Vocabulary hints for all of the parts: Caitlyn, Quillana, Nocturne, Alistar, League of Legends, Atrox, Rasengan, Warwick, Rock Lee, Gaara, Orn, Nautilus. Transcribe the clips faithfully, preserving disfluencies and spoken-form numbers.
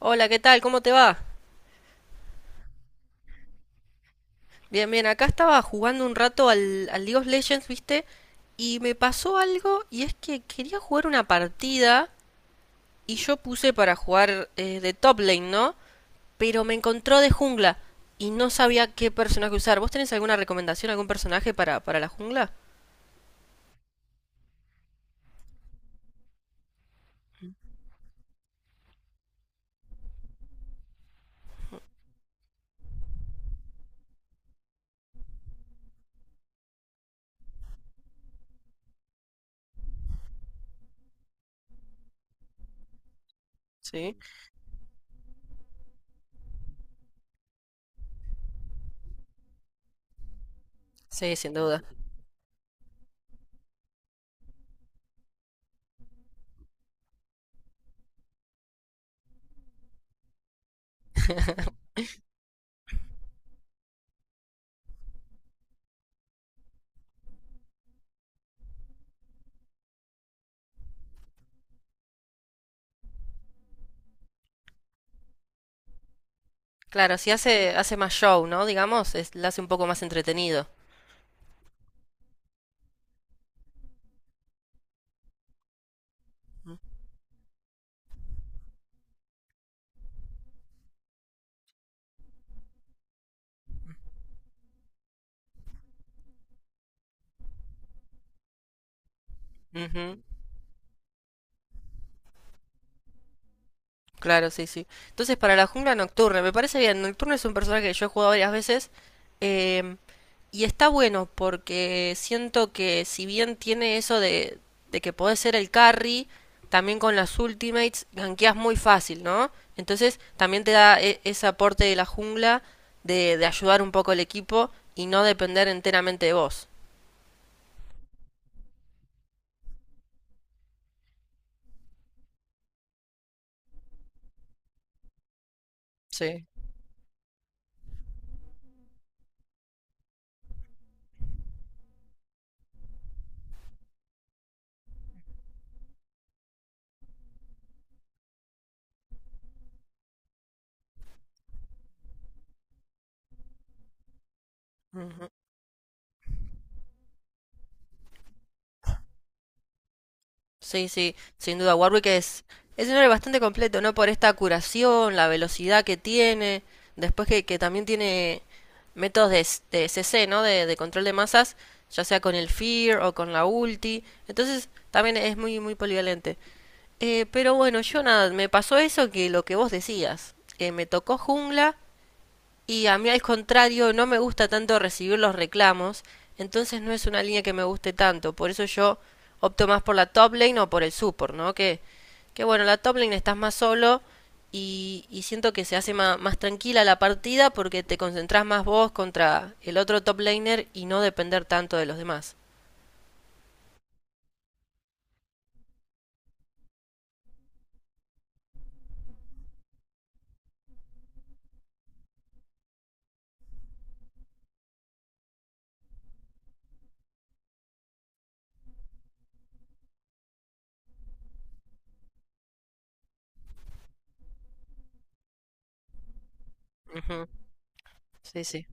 Hola, ¿qué tal? ¿Cómo te va? Bien, bien, acá estaba jugando un rato al, al League of Legends, ¿viste? Y me pasó algo y es que quería jugar una partida y yo puse para jugar eh, de top lane, ¿no? Pero me encontró de jungla y no sabía qué personaje usar. ¿Vos tenés alguna recomendación, algún personaje para, para la jungla? Sí. Sí, sin duda. Claro, si hace, hace más show, ¿no? Digamos, es, la hace un poco más entretenido. Claro, sí, sí. Entonces, para la jungla Nocturne, me parece bien. Nocturne es un personaje que yo he jugado varias veces. eh, y está bueno porque siento que, si bien tiene eso de, de que podés ser el carry, también con las ultimates gankeas muy fácil, ¿no? Entonces, también te da e- ese aporte de la jungla de, de ayudar un poco al equipo y no depender enteramente de vos. Sí. Sí, sí, sin duda. Warwick es, es un héroe bastante completo, ¿no? Por esta curación, la velocidad que tiene, después que, que también tiene métodos de, s- de C C, ¿no? De, de control de masas, ya sea con el Fear o con la ulti. Entonces, también es muy, muy polivalente. Eh, pero bueno, yo nada, me pasó eso que lo que vos decías. Eh, me tocó jungla y a mí al contrario, no me gusta tanto recibir los reclamos, entonces no es una línea que me guste tanto, por eso yo opto más por la top lane o por el support, ¿no? Que, que bueno, la top lane estás más solo y, y siento que se hace más más, tranquila la partida porque te concentrás más vos contra el otro top laner y no depender tanto de los demás. Ujú. Sí, sí.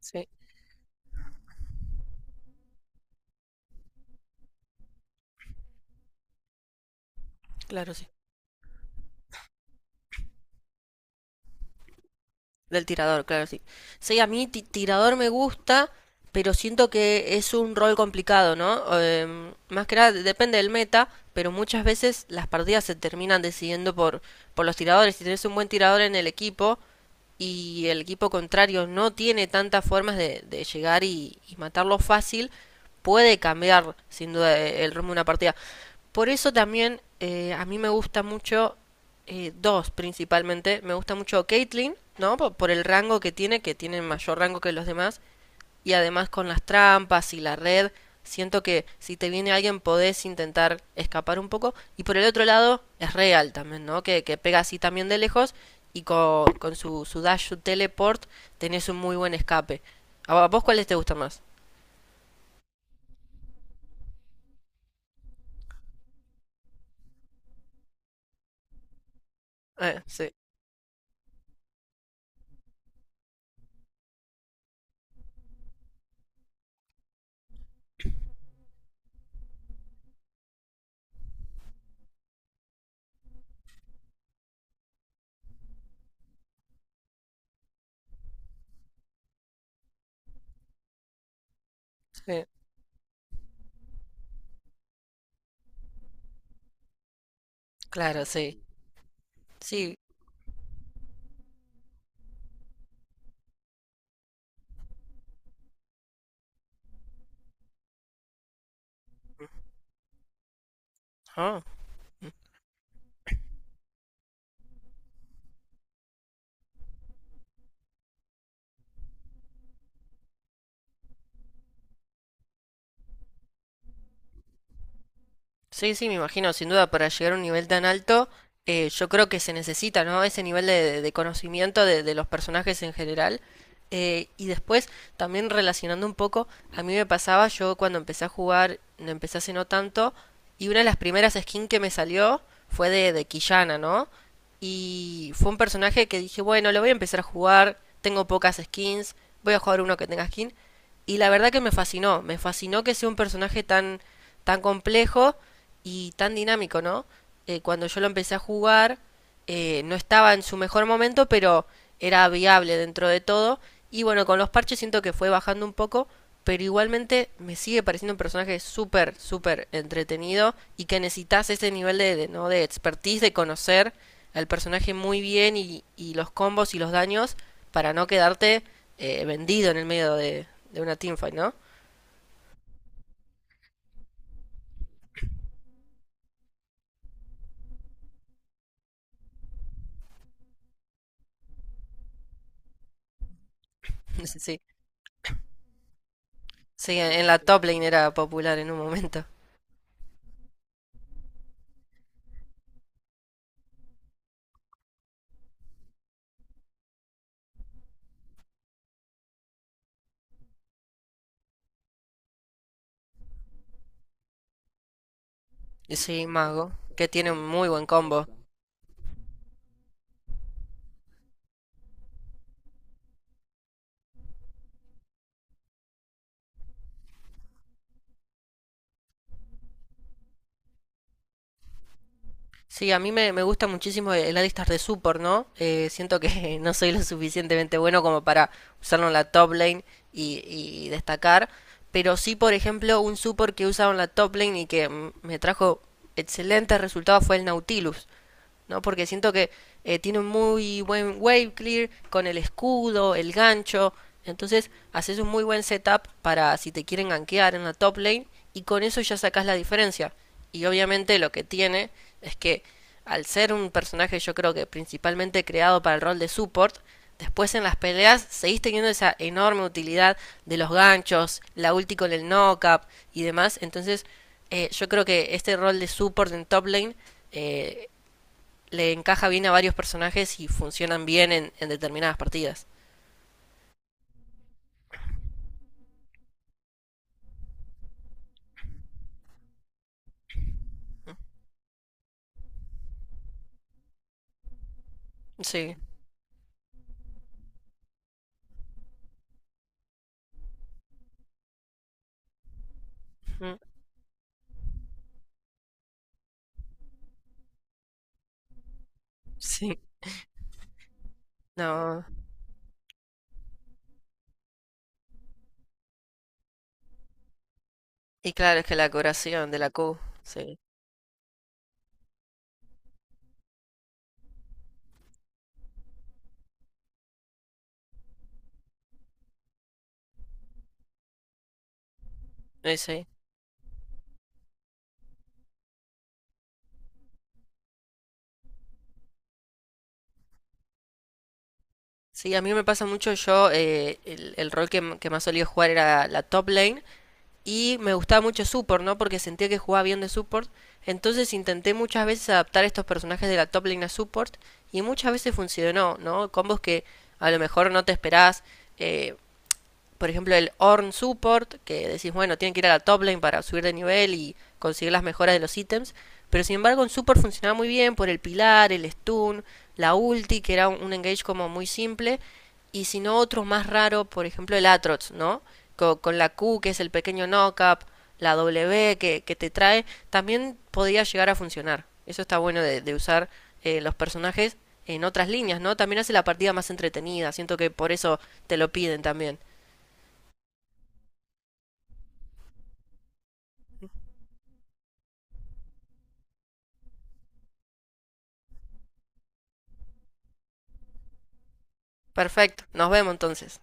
Sí, claro, sí. Del tirador, claro, sí. Sí, a mí ti- tirador me gusta, pero siento que es un rol complicado, ¿no? Em, más que nada depende del meta, pero muchas veces las partidas se terminan decidiendo por, por los tiradores. Si tenés un buen tirador en el equipo, y el equipo contrario no tiene tantas formas de, de llegar y, y matarlo fácil, puede cambiar sin duda e, el rumbo de una partida. Por eso también eh, a mí me gusta mucho, eh, dos principalmente, me gusta mucho Caitlyn, ¿no? Por, por el rango que tiene, que tiene mayor rango que los demás y además con las trampas y la red, siento que si te viene alguien podés intentar escapar un poco. Y por el otro lado, es real también, ¿no? Que, que pega así también de lejos y con, con su, su dash, su teleport, tenés un muy buen escape. ¿A vos cuáles te gustan más? Eh, sí, sí, claro, sí. Sí, ah, sí, sí, me imagino, sin duda, para llegar a un nivel tan alto, eh, yo creo que se necesita, ¿no? Ese nivel de, de conocimiento de, de los personajes en general. Eh, y después, también relacionando un poco, a mí me pasaba, yo cuando empecé a jugar, no empecé hace no tanto, y una de las primeras skins que me salió fue de, de Quillana, ¿no? Y fue un personaje que dije, bueno, lo voy a empezar a jugar, tengo pocas skins, voy a jugar uno que tenga skin. Y la verdad que me fascinó, me fascinó que sea un personaje tan, tan complejo y tan dinámico, ¿no? Eh, cuando yo lo empecé a jugar, eh, no estaba en su mejor momento, pero era viable dentro de todo. Y bueno, con los parches siento que fue bajando un poco, pero igualmente me sigue pareciendo un personaje súper, súper entretenido y que necesitas ese nivel de, de- ¿no? De expertise, de conocer al personaje muy bien y, y los combos y los daños para no quedarte eh, vendido en el medio de, de una teamfight, ¿no? Sí, sí, en en la top lane era popular en un momento. Sí, mago, que tiene un muy buen combo. Sí, a mí me, me gusta muchísimo el el Alistar de support, ¿no? Eh, siento que no soy lo suficientemente bueno como para usarlo en la top lane y, y destacar, pero sí, por ejemplo, un support que usaba en la top lane y que mm, me trajo excelentes resultados fue el Nautilus. ¿No? Porque siento que eh, tiene un muy buen wave clear con el escudo, el gancho. Entonces haces un muy buen setup para si te quieren gankear en la top lane y con eso ya sacas la diferencia. Y obviamente lo que tiene es que al ser un personaje yo creo que principalmente creado para el rol de support, después en las peleas seguís teniendo esa enorme utilidad de los ganchos, la ulti con el knock-up y demás. Entonces eh, yo creo que este rol de support en top lane eh, le encaja bien a varios personajes y funcionan bien en, en determinadas partidas. Sí. Mm. Sí. No. Y claro, es que la curación de la Q. Sí. Eh, sí. Sí, a mí me pasa mucho. Yo, eh, el, el rol que, m- que más solía jugar era la top lane. Y me gustaba mucho support, ¿no? Porque sentía que jugaba bien de support. Entonces intenté muchas veces adaptar estos personajes de la top lane a support. Y muchas veces funcionó, ¿no? Combos que a lo mejor no te esperás. eh, por ejemplo, el Orn Support, que decís, bueno, tienen que ir a la top lane para subir de nivel y conseguir las mejoras de los ítems. Pero sin embargo, en Support funcionaba muy bien por el pilar, el stun, la ulti, que era un, un engage como muy simple. Y si no, otros más raros, por ejemplo, el Atrox, ¿no? Co- Con, la Q, que es el pequeño knockup, la W que, que te trae, también podía llegar a funcionar. Eso está bueno de, de usar eh, los personajes en otras líneas, ¿no? También hace la partida más entretenida. Siento que por eso te lo piden también. Perfecto, nos vemos entonces.